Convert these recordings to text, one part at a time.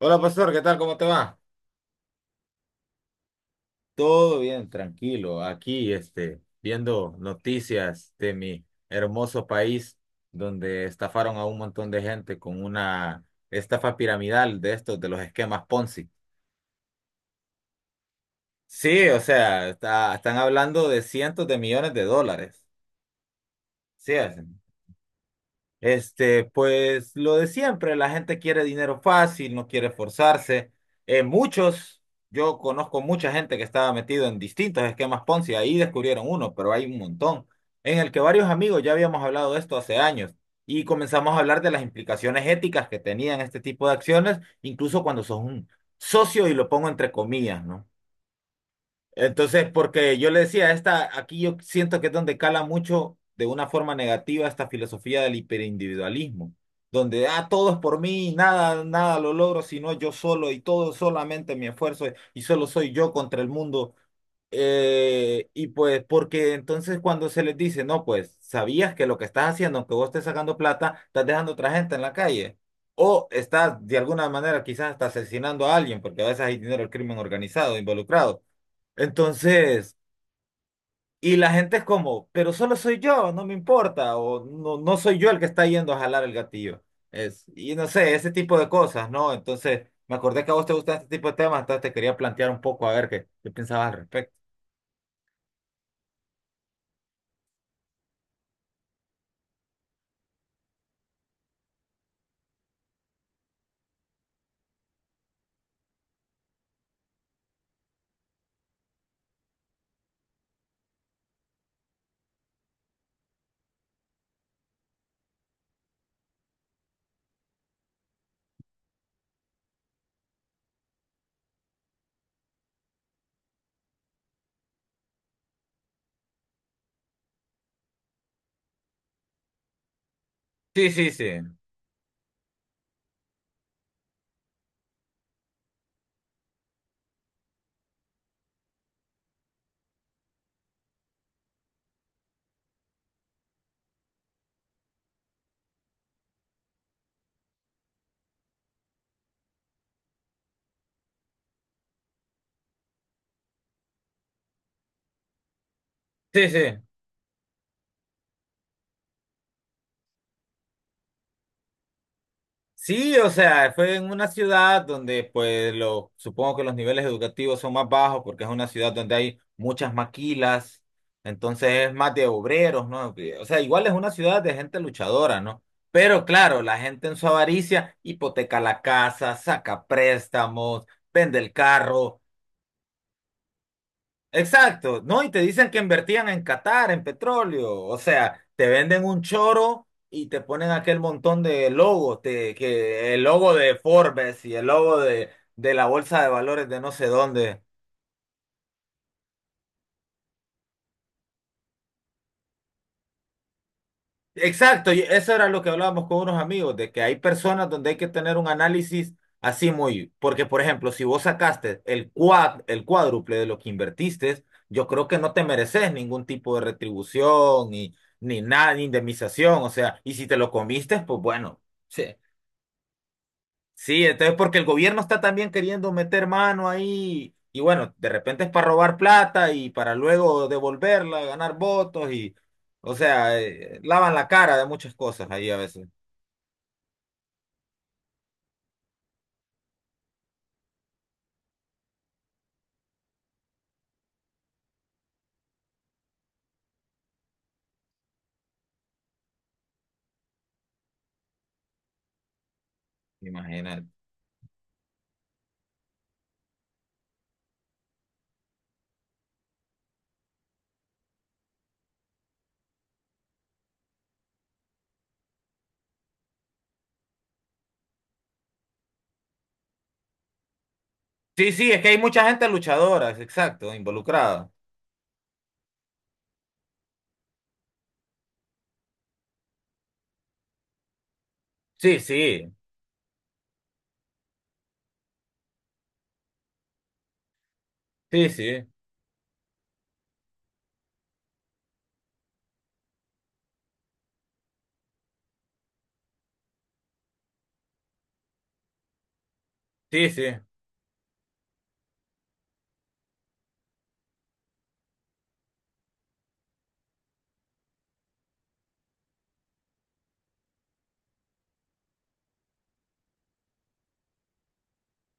Hola, pastor, ¿qué tal? ¿Cómo te va? Todo bien, tranquilo. Aquí, viendo noticias de mi hermoso país, donde estafaron a un montón de gente con una estafa piramidal de estos, de los esquemas Ponzi. Sí, o sea, están hablando de cientos de millones de dólares. Sí. Pues lo de siempre, la gente quiere dinero fácil, no quiere esforzarse. Eh, muchos, yo conozco mucha gente que estaba metido en distintos esquemas Ponzi, ahí descubrieron uno, pero hay un montón en el que varios amigos ya habíamos hablado de esto hace años, y comenzamos a hablar de las implicaciones éticas que tenían este tipo de acciones, incluso cuando sos un socio, y lo pongo entre comillas, ¿no? Entonces, porque yo le decía, aquí yo siento que es donde cala mucho de una forma negativa esta filosofía del hiperindividualismo, donde todo es por mí, nada lo logro, sino yo solo, y todo solamente mi esfuerzo, y solo soy yo contra el mundo. Pues, porque entonces cuando se les dice, no, pues, sabías que lo que estás haciendo, aunque vos estés sacando plata, estás dejando a otra gente en la calle. O estás de alguna manera quizás hasta asesinando a alguien, porque a veces hay dinero del crimen organizado involucrado. Entonces, y la gente es como, pero solo soy yo, no me importa, o no, no soy yo el que está yendo a jalar el gatillo. Es, y no sé, ese tipo de cosas, ¿no? Entonces, me acordé que a vos te gustan este tipo de temas, entonces te quería plantear un poco a ver qué pensabas al respecto. Sí, sí, sí. Sí, sí. Sí, o sea, fue en una ciudad donde, pues, lo, supongo que los niveles educativos son más bajos porque es una ciudad donde hay muchas maquilas, entonces es más de obreros, ¿no? O sea, igual es una ciudad de gente luchadora, ¿no? Pero claro, la gente en su avaricia hipoteca la casa, saca préstamos, vende el carro. Exacto, ¿no? Y te dicen que invertían en Qatar, en petróleo, o sea, te venden un choro y te ponen aquel montón de logos, que el logo de Forbes y el logo de la bolsa de valores de no sé dónde. Exacto, y eso era lo que hablábamos con unos amigos, de que hay personas donde hay que tener un análisis así muy, porque por ejemplo, si vos sacaste el cuádruple de lo que invertiste, yo creo que no te mereces ningún tipo de retribución ni, ni nada, ni indemnización, o sea, y si te lo comiste, pues bueno. Sí. Sí, entonces porque el gobierno está también queriendo meter mano ahí, y bueno, de repente es para robar plata y para luego devolverla, ganar votos y, o sea, lavan la cara de muchas cosas ahí a veces, imagínate. Sí, sí, es que hay mucha gente luchadora, es exacto, involucrada. Sí, sí, sí, sí, sí, sí,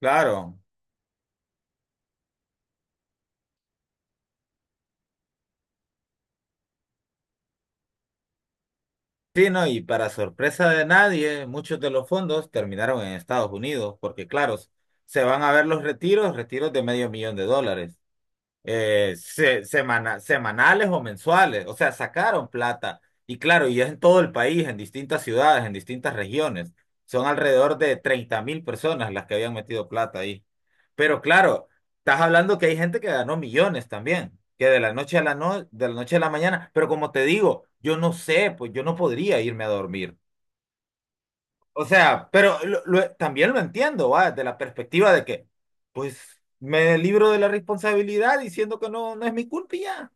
claro. Sí, no, y para sorpresa de nadie, muchos de los fondos terminaron en Estados Unidos, porque claro, se van a ver los retiros, retiros de medio millón de dólares. Semanales o mensuales, o sea, sacaron plata. Y claro, y es en todo el país, en distintas ciudades, en distintas regiones. Son alrededor de 30.000 personas las que habían metido plata ahí. Pero claro, estás hablando que hay gente que ganó millones también, que de la noche a la no- de la noche a la mañana, pero como te digo, yo no sé, pues yo no podría irme a dormir. O sea, pero también lo entiendo, ¿va? Desde la perspectiva de que, pues, me libro de la responsabilidad diciendo que no, no es mi culpa y ya.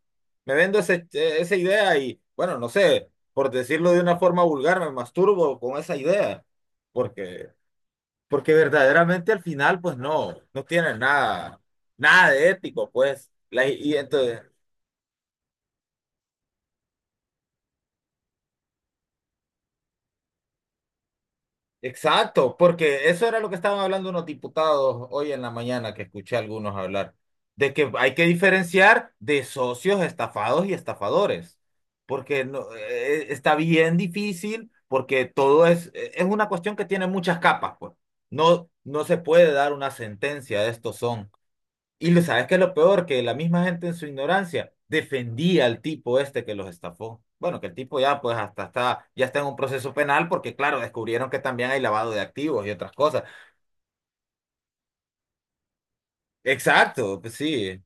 Me vendo esa idea y, bueno, no sé, por decirlo de una forma vulgar, me masturbo con esa idea. Porque, porque verdaderamente al final, pues no, no tiene nada de ético, pues. La, y entonces, exacto, porque eso era lo que estaban hablando unos diputados hoy en la mañana que escuché a algunos hablar, de que hay que diferenciar de socios estafados y estafadores, porque no, está bien difícil, porque todo es una cuestión que tiene muchas capas, pues. No, se puede dar una sentencia de estos son. Y lo sabes que es lo peor, que la misma gente en su ignorancia defendía al tipo este que los estafó. Bueno, que el tipo ya pues hasta está, ya está en un proceso penal porque claro, descubrieron que también hay lavado de activos y otras cosas. Exacto, pues sí.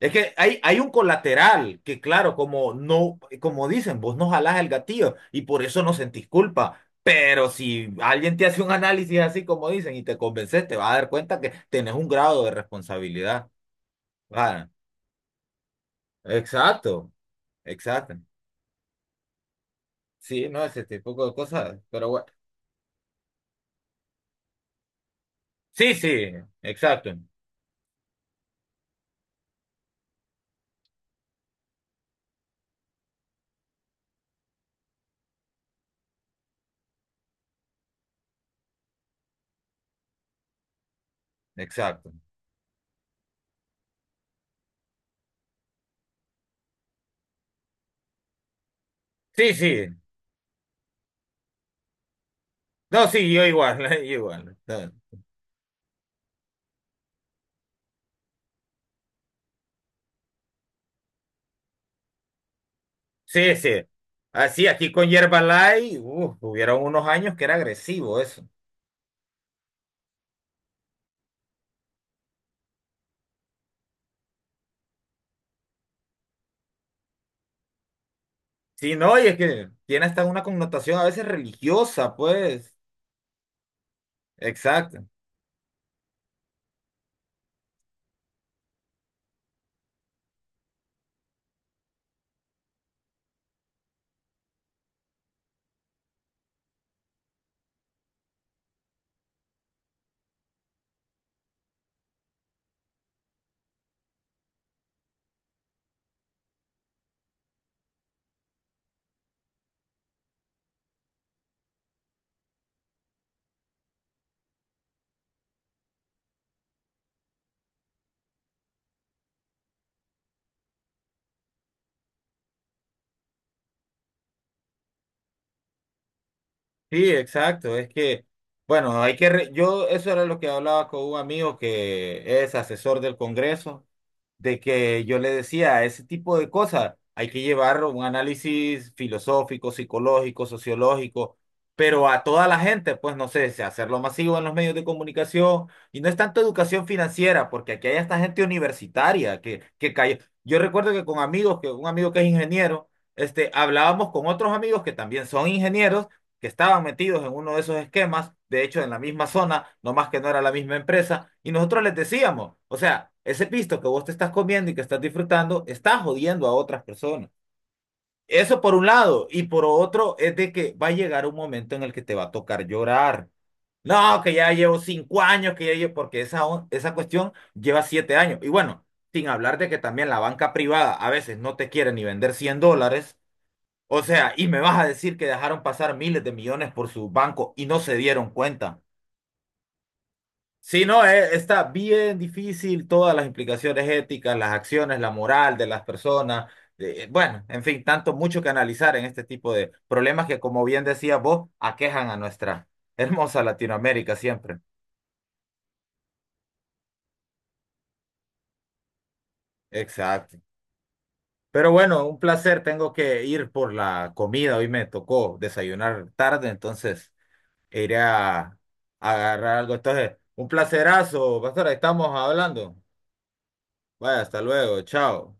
Es que hay un colateral que claro, como no, como dicen, vos no jalás el gatillo y por eso no sentís culpa. Pero si alguien te hace un análisis así como dicen y te convences, te vas a dar cuenta que tenés un grado de responsabilidad. Ah, exacto, exacto. Sí, no, ese tipo de cosas, pero bueno. Sí, sí, exacto, exacto. Sí, sí. No, sí, yo igual, yo igual. No. Sí, sí. Así, aquí con Yerbalay, uf, hubieron unos años que era agresivo eso. Sí, no, y es que tiene hasta una connotación a veces religiosa, pues. Exacto. Sí, exacto. Es que, bueno, hay que, eso era lo que hablaba con un amigo que es asesor del Congreso. De que yo le decía, ese tipo de cosas hay que llevar un análisis filosófico, psicológico, sociológico, pero a toda la gente, pues no sé, si hacerlo masivo en los medios de comunicación y no es tanto educación financiera, porque aquí hay esta gente universitaria que cayó. Yo recuerdo que con amigos, que un amigo que es ingeniero, hablábamos con otros amigos que también son ingenieros que estaban metidos en uno de esos esquemas, de hecho en la misma zona, no más que no era la misma empresa, y nosotros les decíamos, o sea, ese pisto que vos te estás comiendo y que estás disfrutando, está jodiendo a otras personas. Eso por un lado, y por otro es de que va a llegar un momento en el que te va a tocar llorar. No, que ya llevo 5 años, que ya llevo, porque esa cuestión lleva 7 años. Y bueno, sin hablar de que también la banca privada a veces no te quiere ni vender $100, o sea, y me vas a decir que dejaron pasar miles de millones por su banco y no se dieron cuenta. Sí, no, está bien difícil todas las implicaciones éticas, las acciones, la moral de las personas. Bueno, en fin, tanto mucho que analizar en este tipo de problemas que, como bien decías vos, aquejan a nuestra hermosa Latinoamérica siempre. Exacto. Pero bueno, un placer. Tengo que ir por la comida. Hoy me tocó desayunar tarde, entonces era agarrar algo. Entonces, un placerazo, pastor, ahí estamos hablando. Vaya, hasta luego, chao.